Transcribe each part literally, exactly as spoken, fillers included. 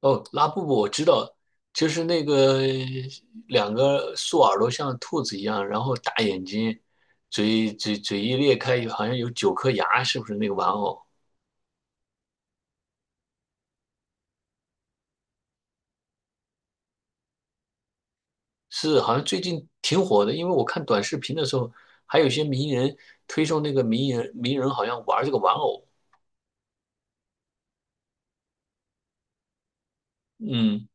哦，拉布布我知道，就是那个两个竖耳朵像兔子一样，然后大眼睛，嘴嘴嘴一裂开，好像有九颗牙，是不是那个玩偶？是，好像最近挺火的，因为我看短视频的时候，还有一些名人推送那个名人名人好像玩这个玩偶。嗯。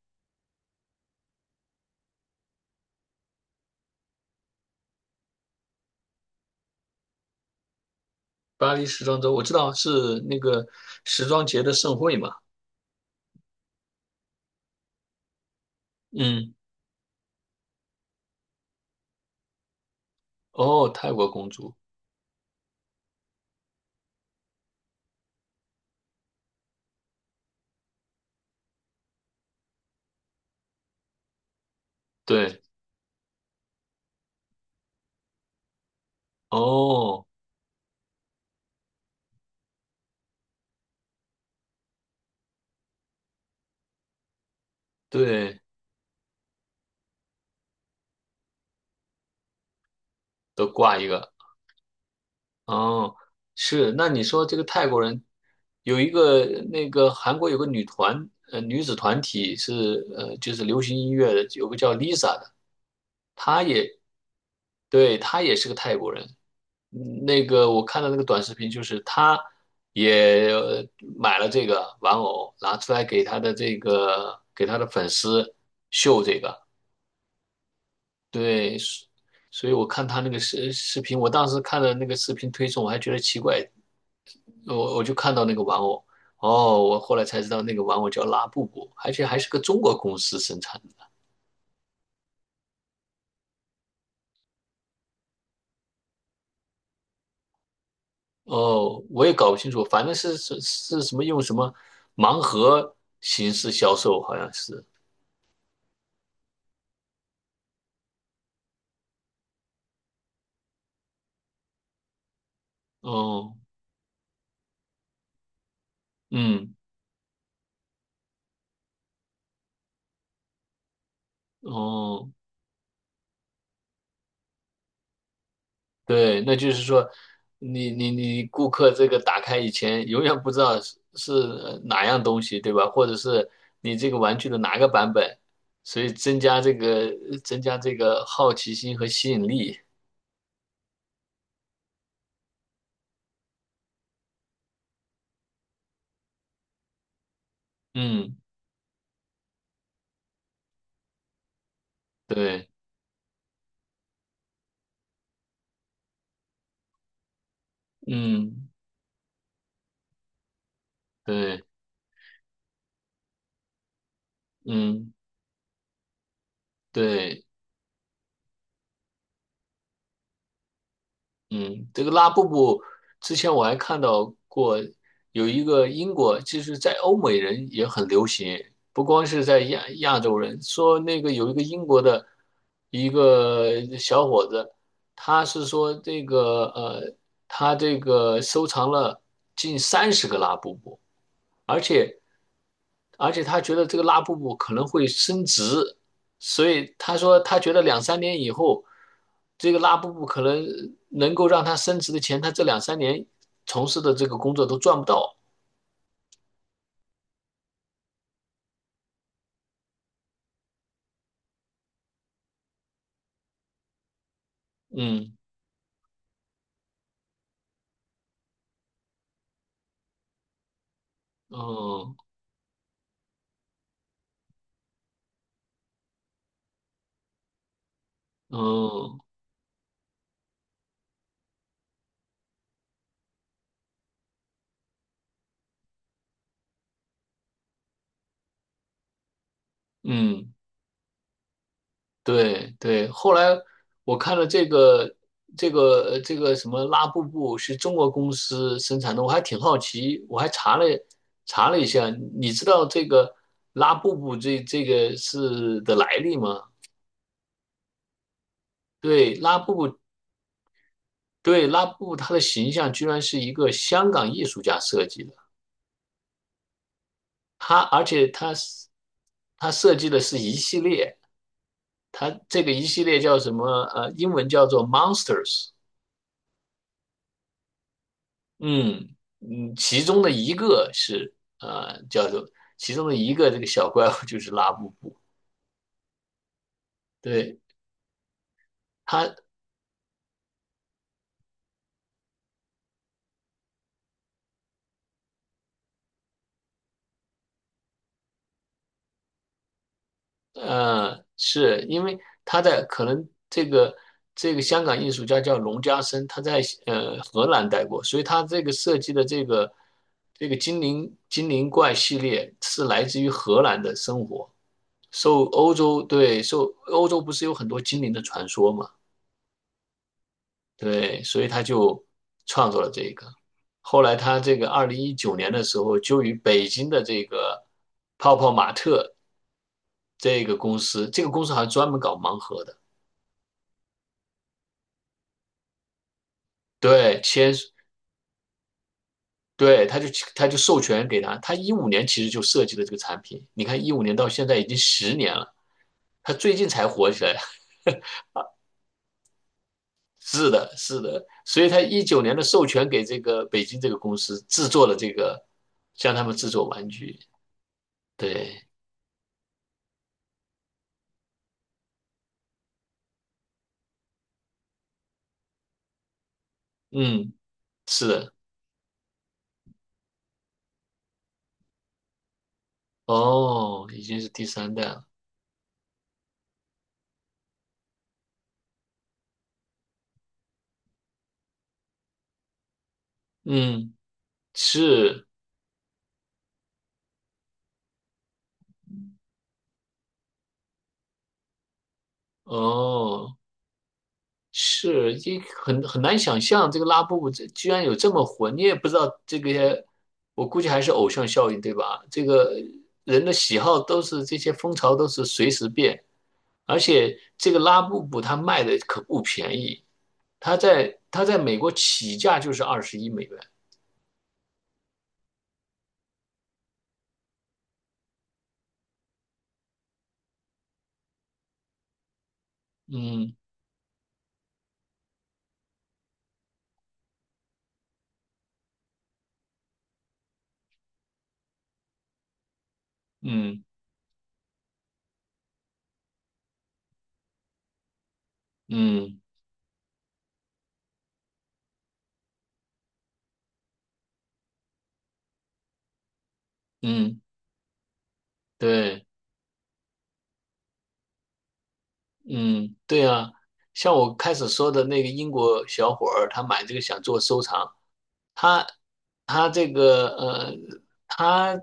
巴黎时装周我知道是那个时装节的盛会嘛。嗯，哦，泰国公主。对，哦，对，都挂一个。哦，是，那你说这个泰国人有一个，那个韩国有个女团，呃，女子团体是呃，就是流行音乐的，有个叫 Lisa 的。对，她也是个泰国人。嗯，那个我看到那个短视频，就是她也呃买了这个玩偶，拿出来给她的这个给她的粉丝秀这个。对，所所以我看她那个视视频，我当时看了那个视频推送，我还觉得奇怪，我我就看到那个玩偶。哦，我后来才知道那个玩偶叫拉布布，而且还是个中国公司生产的。哦，我也搞不清楚，反正是是是什么用什么盲盒形式销售，好像是。哦，嗯，哦，对，那就是说，你你你顾客这个打开以前，永远不知道是是呃哪样东西，对吧？或者是你这个玩具的哪个版本，所以增加这个增加这个好奇心和吸引力。嗯，对，嗯，对，嗯，对。嗯，这个拉布布之前我还看到过，有一个英国，就是在欧美人也很流行，不光是在亚亚洲人。说那个有一个英国的一个小伙子，他是说这个呃，他这个收藏了近三十个拉布布，而且而且他觉得这个拉布布可能会升值，所以他说他觉得两三年以后，这个拉布布可能能够让他升值的钱，他这两三年从事的这个工作都赚不到。嗯嗯嗯嗯。对对，后来我看了这个这个呃这个什么拉布布是中国公司生产的，我还挺好奇，我还查了查了一下。你知道这个拉布布这这个是的来历吗？对，拉布布。对，拉布布他的形象居然是一个香港艺术家设计的。他而且他是他设计的是一系列，他这个一系列叫什么？呃，英文叫做 Monsters。嗯嗯，其中的一个是呃叫做，其中的一个这个小怪物就是拉布布。对，他呃是因为他在可能这个这个香港艺术家叫龙家森，他在呃荷兰待过，所以他这个设计的这个这个精灵精灵怪系列是来自于荷兰的生活，受欧洲对受欧洲不是有很多精灵的传说吗？对，所以他就创作了这个。后来他这个二零一九年的时候，就与北京的这个泡泡玛特这个公司，这个公司好像专门搞盲盒的。对，签，对，他就他就授权给他。他一五年其实就设计了这个产品，你看一五年到现在已经十年了，他最近才火起来。是的，是的，所以他一九年的授权给这个北京这个公司制作了这个，让他们制作玩具。对，嗯，是的。哦，已经是第三代了。嗯，是，哦，是，这很很难想象，这个拉布布这居然有这么火。你也不知道这个，我估计还是偶像效应，对吧？这个人的喜好都是，这些风潮都是随时变，而且这个拉布布它卖的可不便宜，它在它在美国起价就是二十一美元。嗯嗯嗯嗯，对。嗯，对啊，像我开始说的那个英国小伙儿，他买这个想做收藏，他他这个呃，他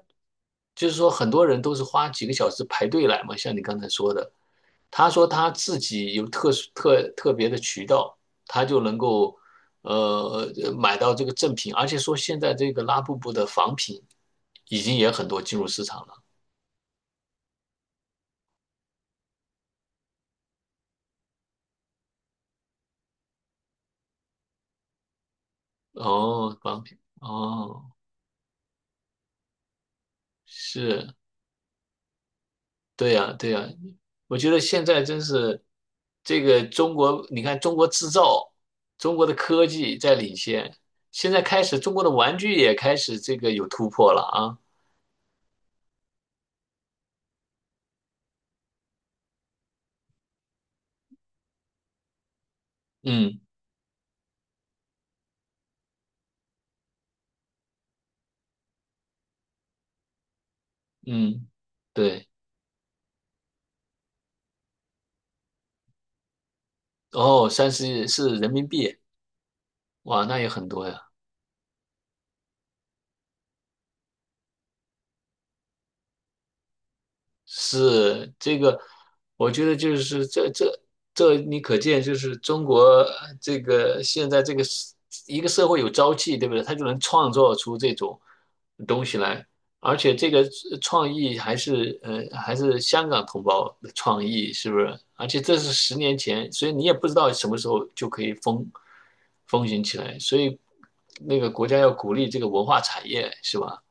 就是说很多人都是花几个小时排队来嘛，像你刚才说的。他说他自己有特殊特特别的渠道，他就能够呃买到这个正品，而且说现在这个拉布布的仿品已经也很多进入市场了。哦，仿品，哦，是。对呀，对呀，我觉得现在真是，这个中国，你看中国制造，中国的科技在领先，现在开始中国的玩具也开始这个有突破了啊。嗯嗯，对，哦，三十是人民币。哇，那也很多呀。是这个，我觉得就是这这这，你可见就是中国这个现在这个社一个社会有朝气，对不对？他就能创造出这种东西来。而且这个创意还是呃还是香港同胞的创意，是不是？而且这是十年前，所以你也不知道什么时候就可以风风行起来。所以那个国家要鼓励这个文化产业，是吧？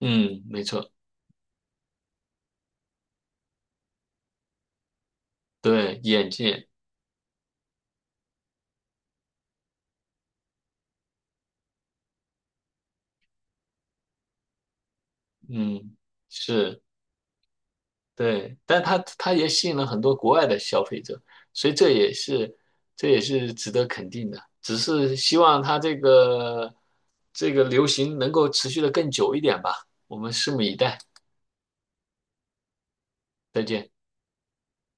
嗯，没错，对，眼界。嗯，是，对，但它它也吸引了很多国外的消费者，所以这也是这也是值得肯定的。只是希望它这个这个流行能够持续的更久一点吧，我们拭目以待。再见。